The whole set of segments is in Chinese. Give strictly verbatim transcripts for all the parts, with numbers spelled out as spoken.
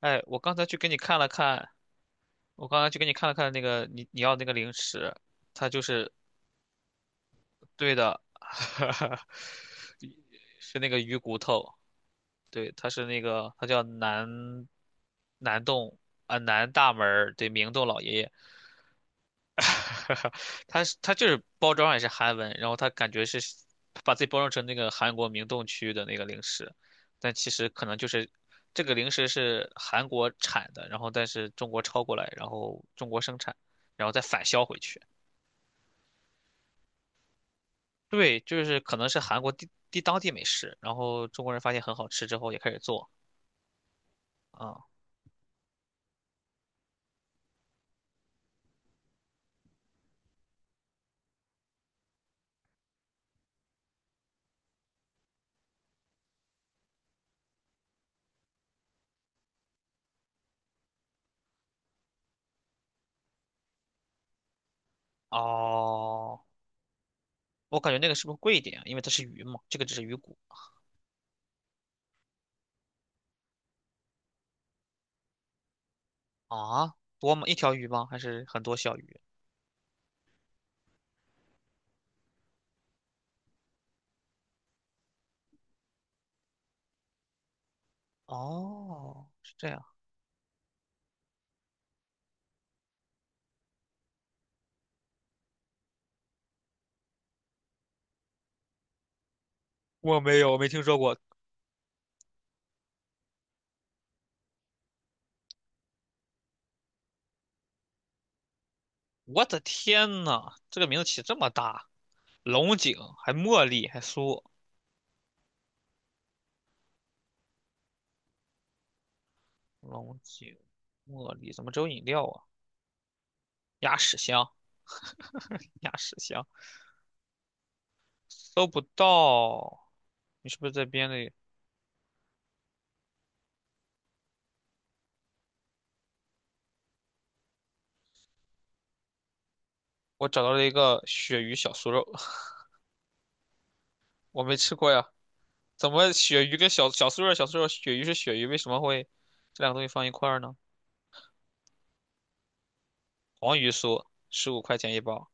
哎，我刚才去给你看了看，我刚才去给你看了看那个你你要那个零食，它就是对的，是那个鱼骨头。对，它是那个它叫南南洞啊、南大门儿。对，明洞老爷爷。它是它就是包装上也是韩文，然后它感觉是把自己包装成那个韩国明洞区的那个零食，但其实可能就是这个零食是韩国产的，然后但是中国抄过来，然后中国生产，然后再返销回去。对，就是可能是韩国地地当地美食，然后中国人发现很好吃之后也开始做啊、哦，我感觉那个是不是贵一点啊？因为它是鱼嘛，这个只是鱼骨。啊，多吗？一条鱼吗？还是很多小鱼？哦，是这样。我没有，我没听说过。我的天呐，这个名字起这么大，龙井还茉莉还酥。龙井、茉莉怎么只有饮料啊？鸭屎香，鸭屎香，搜不到。你是不是在编的？我找到了一个鳕鱼小酥肉。我没吃过呀。怎么鳕鱼跟小小酥肉、小酥肉，鳕鱼是鳕鱼，为什么会这两个东西放一块儿呢？黄鱼酥十五块钱一包。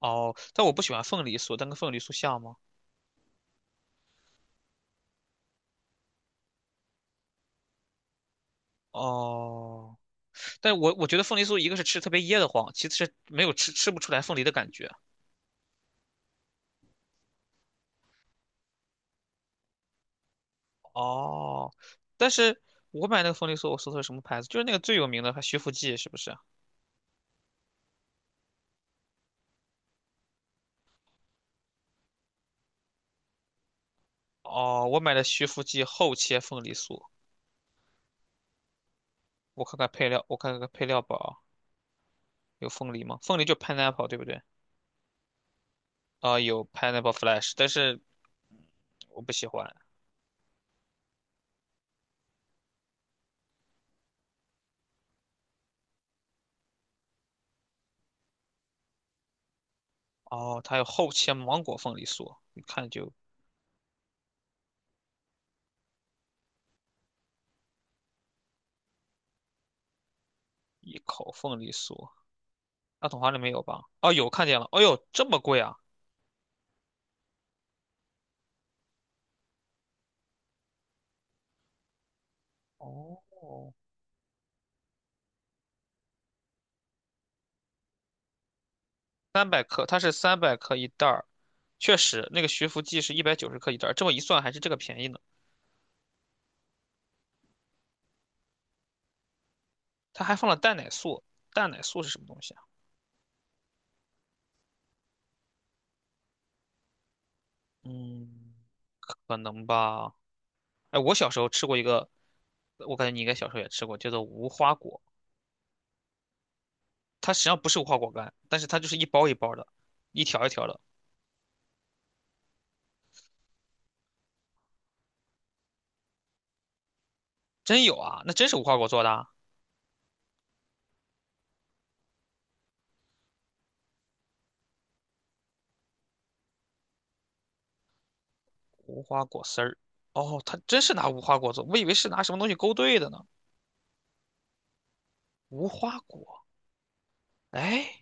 哦，但我不喜欢凤梨酥，但跟凤梨酥像吗？哦，但我我觉得凤梨酥一个是吃特别噎得慌，其次是没有吃吃不出来凤梨的感觉。哦，但是我买那个凤梨酥，我搜的是什么牌子？就是那个最有名的，还徐福记是不是？哦，我买的徐福记厚切凤梨酥，我看看配料，我看看配料表啊，有凤梨吗？凤梨就 pineapple 对不对？啊、有 pineapple flash,但是我不喜欢。哦，它有厚切芒果凤梨酥，一看就一口凤梨酥。大桶华里没有吧？哦，有看见了。哎呦，这么贵啊！哦，三百克，它是三百克一袋儿，确实那个徐福记是一百九十克一袋儿，这么一算还是这个便宜呢。它还放了蛋奶素，蛋奶素是什么东西啊？嗯，可能吧。哎，我小时候吃过一个，我感觉你应该小时候也吃过，叫做无花果。它实际上不是无花果干，但是它就是一包一包的，一条一条的。真有啊，那真是无花果做的啊，无花果丝儿。哦，它真是拿无花果做，我以为是拿什么东西勾兑的呢。无花果，哎。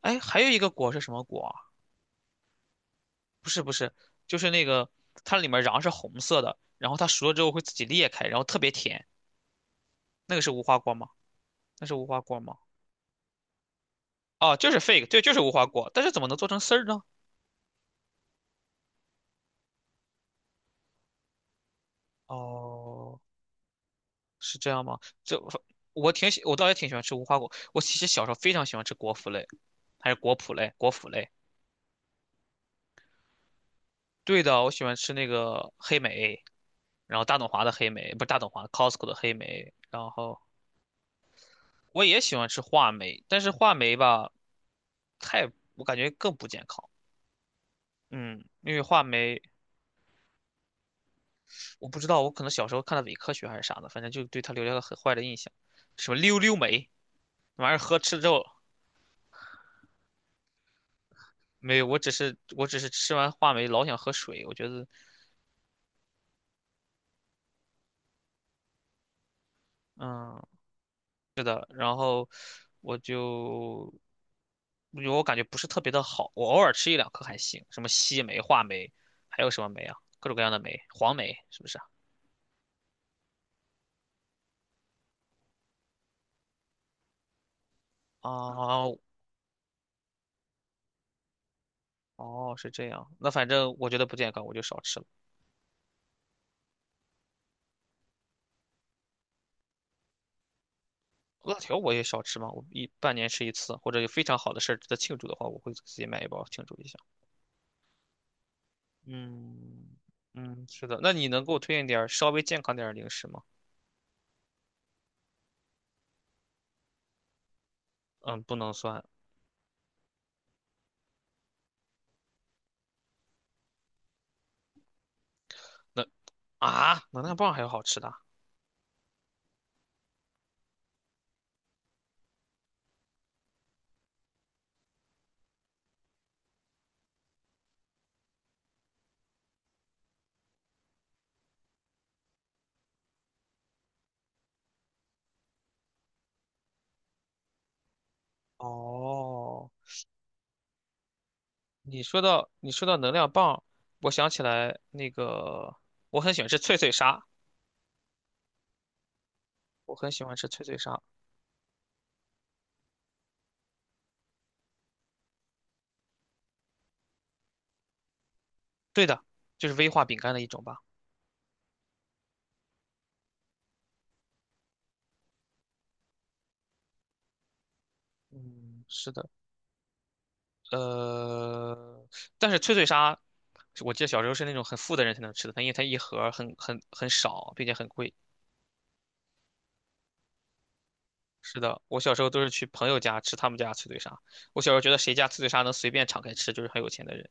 哎，还有一个果是什么果啊？不是不是，就是那个它里面瓤是红色的，然后它熟了之后会自己裂开，然后特别甜。那个是无花果吗？那是无花果吗？哦，就是 fig,对，就是无花果。但是怎么能做成丝儿呢？哦，是这样吗？这我挺喜，我倒也挺喜欢吃无花果。我其实小时候非常喜欢吃果脯类，还是果脯类，果脯类。对的，我喜欢吃那个黑莓，然后大董华的黑莓，不是大董华，Costco 的黑莓，然后我也喜欢吃话梅，但是话梅吧，太，我感觉更不健康。嗯，因为话梅，我不知道，我可能小时候看的伪科学还是啥的，反正就对它留下了很坏的印象。什么溜溜梅，那玩意儿喝吃了之后没有，我只是我只是吃完话梅老想喝水，我觉得，嗯，呃然后我就，我我感觉不是特别的好，我偶尔吃一两颗还行。什么西梅、话梅，还有什么梅啊？各种各样的梅，黄梅是不是啊？啊，哦，是这样。那反正我觉得不健康，我就少吃了。辣条我也少吃嘛，我一半年吃一次，或者有非常好的事儿值得庆祝的话，我会自己买一包庆祝一下。嗯，嗯，是的。那你能给我推荐点儿稍微健康点儿的零食吗？嗯，不能算。那啊，能量棒还有好吃的？哦，你说到你说到能量棒，我想起来那个，我很喜欢吃脆脆鲨，我很喜欢吃脆脆鲨。对的，就是威化饼干的一种吧。嗯，是的。呃，但是脆脆鲨，我记得小时候是那种很富的人才能吃的，它因为它一盒儿很很很少，并且很贵。是的，我小时候都是去朋友家吃他们家脆脆鲨。我小时候觉得谁家脆脆鲨能随便敞开吃，就是很有钱的人。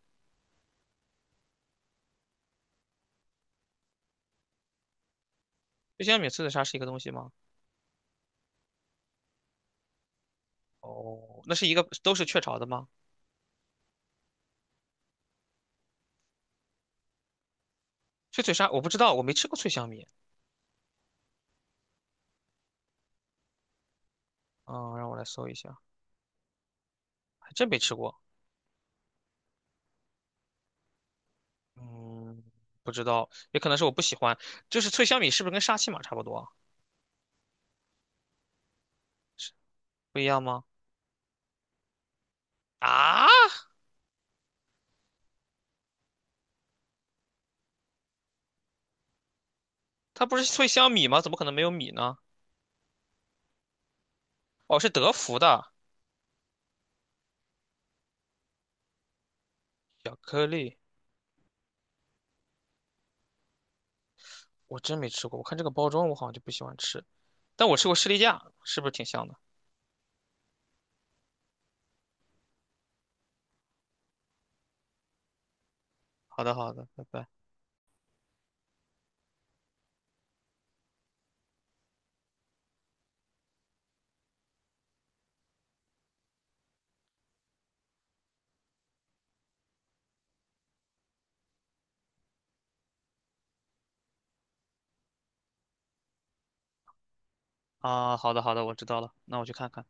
脆香米脆脆鲨是一个东西吗？哦，那是一个都是雀巢的吗？脆脆鲨我不知道，我没吃过脆香米。嗯，让我来搜一下，还真没吃过。嗯，不知道，也可能是我不喜欢。就是脆香米是不是跟沙琪玛差不多啊，不一样吗？啊？它不是脆香米吗？怎么可能没有米呢？哦，是德芙的巧克力，我真没吃过。我看这个包装，我好像就不喜欢吃，但我吃过士力架，是不是挺香的？好的，好的，拜拜。啊，好的，好的，我知道了，那我去看看。